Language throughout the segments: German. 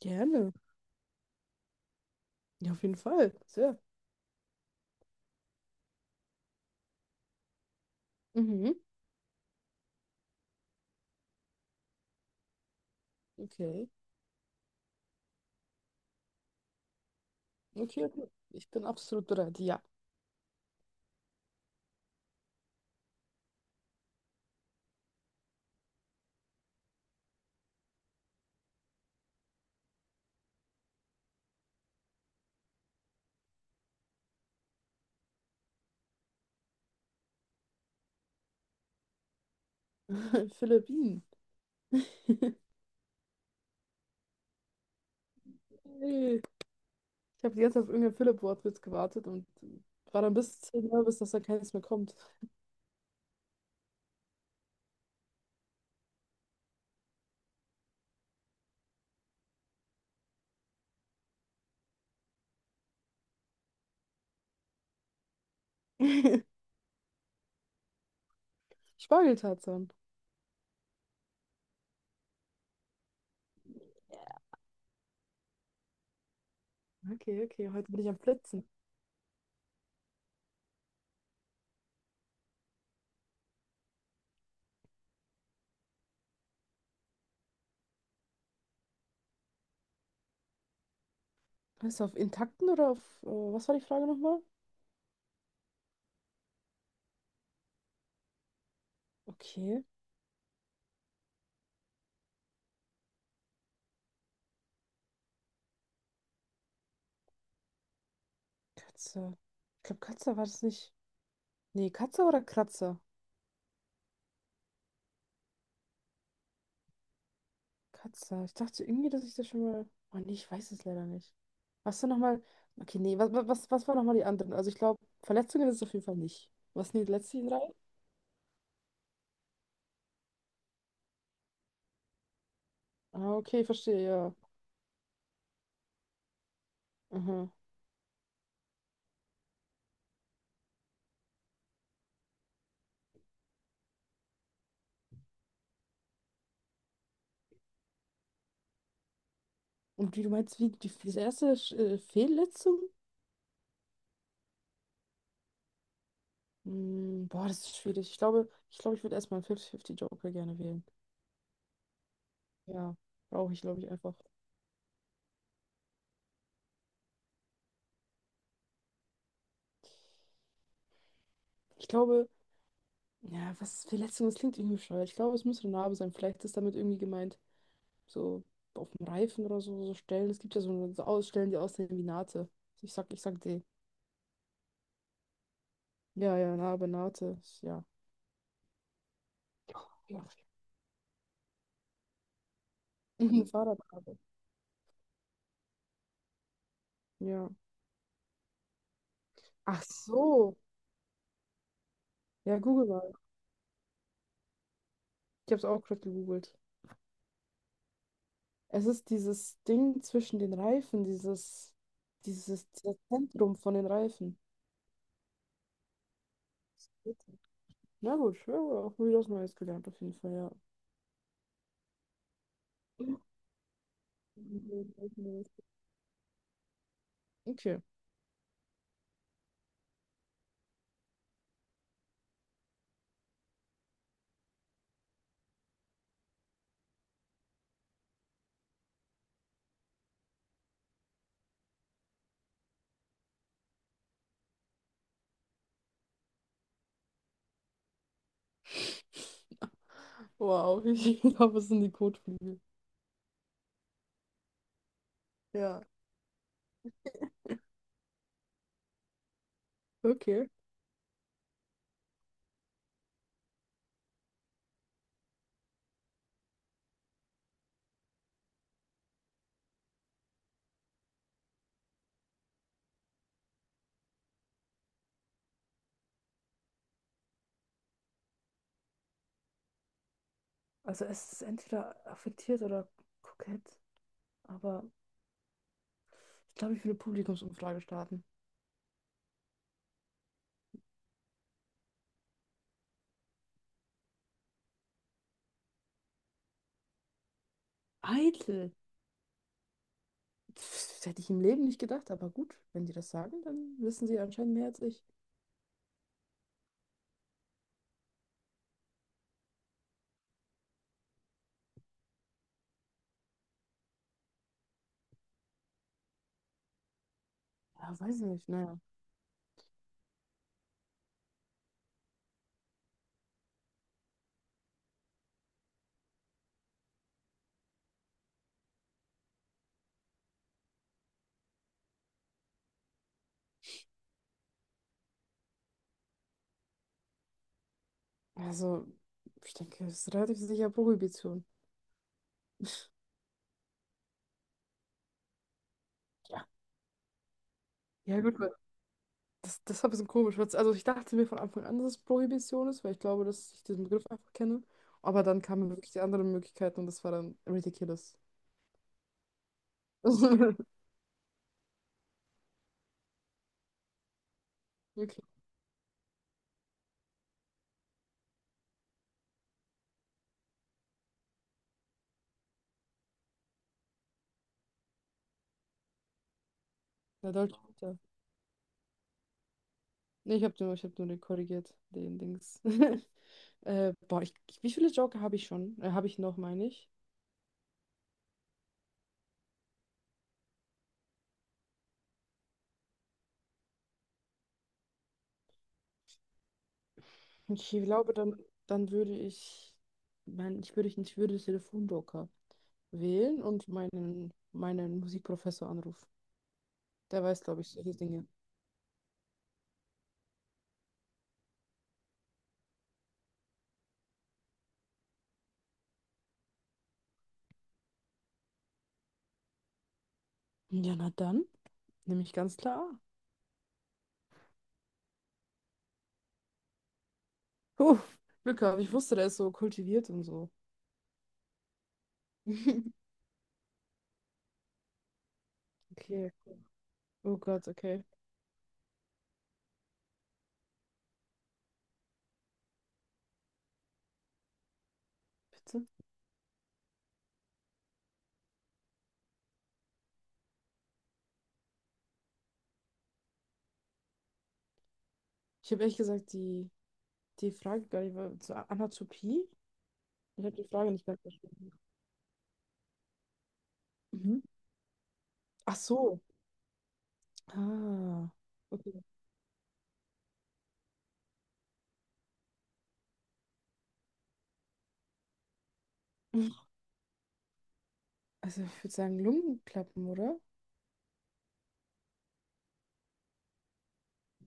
Gerne. Ja, auf jeden Fall. Sehr. Mhm. Okay. Okay, okay. Ich bin absolut bereit. Ja. Philippinen. Hey. Ich habe die ganze Zeit auf irgendein Philipp-Wortwitz gewartet und war dann bis 10 nervös, dass da keines mehr kommt. Spargeltarzan. Okay, okay. Heute bin ich am Blitzen. Weißt du, auf intakten oder auf, was war die Frage nochmal? Okay. Katze. Ich glaube, Katze war das nicht. Nee, Katze oder Kratzer? Katze. Ich dachte irgendwie, dass ich das schon mal. Oh nee, ich weiß es leider nicht. Hast du nochmal. Okay, nee, was waren nochmal die anderen? Also ich glaube, Verletzungen ist es auf jeden Fall nicht. Was sind die letzten drei? Ah, okay, verstehe, ja. Aha. Und wie du meinst, wie die, diese erste Fehlletzung? Boah, das ist schwierig. Ich glaube, ich würde erstmal einen 50-50-Joker gerne wählen. Ja, brauche ich, glaube ich, einfach. Ich glaube, ja, was Verletzung, das klingt irgendwie bescheuert. Ich glaube, es muss eine Narbe sein. Vielleicht ist damit irgendwie gemeint, so auf dem Reifen oder so, so Stellen. Es gibt ja so, so Ausstellen, die aussehen wie Naht. Ich sag die. Ja, ja, Narbe, Naht. Ja. Ja. Mhm. Fahrradnarbe. Ja. Ach so. Ja, google mal. Ich habe es auch gerade gegoogelt. Es ist dieses Ding zwischen den Reifen, dieses, dieses Zentrum von den Reifen. Na gut, ja, auch wieder was Neues gelernt auf jeden Fall, ja. Okay. Wow, ich glaube, es sind die Kotflügel. Ja. Okay. Also es ist entweder affektiert oder kokett. Aber ich glaube, ich will eine Publikumsumfrage starten. Eitel. Pff, das hätte ich im Leben nicht gedacht, aber gut, wenn die das sagen, dann wissen sie anscheinend mehr als ich. Ja, weiß nicht, naja. Also, ich denke, es ist relativ sicher Prohibition. Ja. Ja, gut, weil das, das war ein bisschen komisch. Weil's- Also, ich dachte mir von Anfang an, dass es Prohibition ist, weil ich glaube, dass ich diesen Begriff einfach kenne. Aber dann kamen wirklich die anderen Möglichkeiten und das war dann ridiculous. Okay, na, Deutsch. Nee, ich habe nur, ich hab nur den korrigiert, den Dings. Boah, wie viele Joker habe ich schon? Habe ich noch, meine ich. Ich glaube, dann würde ich, ich würde den Telefonjoker wählen und meinen Musikprofessor anrufen. Der weiß, glaube ich, solche Dinge. Ja, na dann, nehme ich ganz klar. A. Huh, Glück gehabt, ich wusste, der ist so kultiviert und so. Okay. Oh Gott, okay. Bitte? Ich habe ehrlich gesagt die Frage gar nicht, zur Anatopie. Ich habe die Frage nicht ganz verstanden. Mhm. Ach so. Ah, okay. Also ich würde sagen Lungenklappen, oder?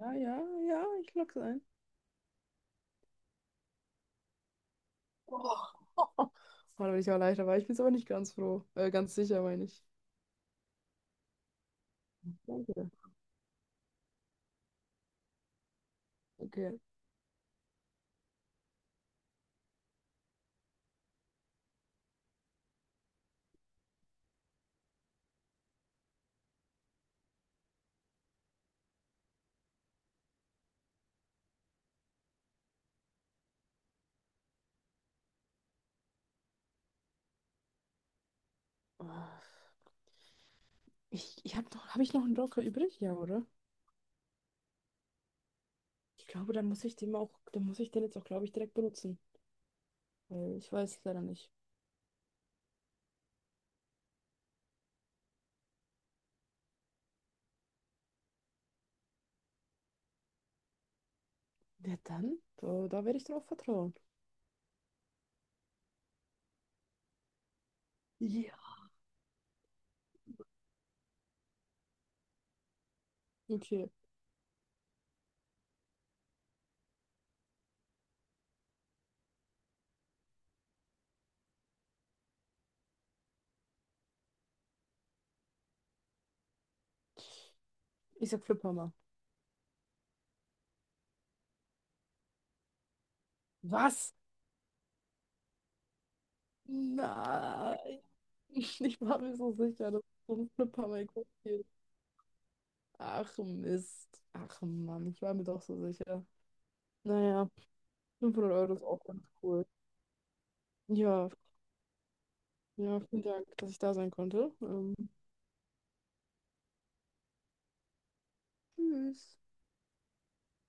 Ja, ja, ja, ich lock's ein. Oh. Oh, da bin ich auch leichter, aber ich bin es aber nicht ganz froh. Ganz sicher, meine ich. Danke. Okay. Ah, ich habe noch, habe ich noch einen Joker übrig? Ja, oder? Ich glaube, dann muss ich den auch, dann muss ich den jetzt auch, glaube ich, direkt benutzen. Weil ich weiß es leider nicht. Ja, dann? Da, da werde ich drauf vertrauen. Ja. Okay. Ich sag Fliphammer. Was? Nein, ich war mir so sicher, dass so ein Flippermikro ist. Ach Mist. Ach Mann, ich war mir doch so sicher. Naja, 500 Euro ist auch ganz cool. Ja, ja, vielen Dank, dass ich da sein konnte. Tschüss.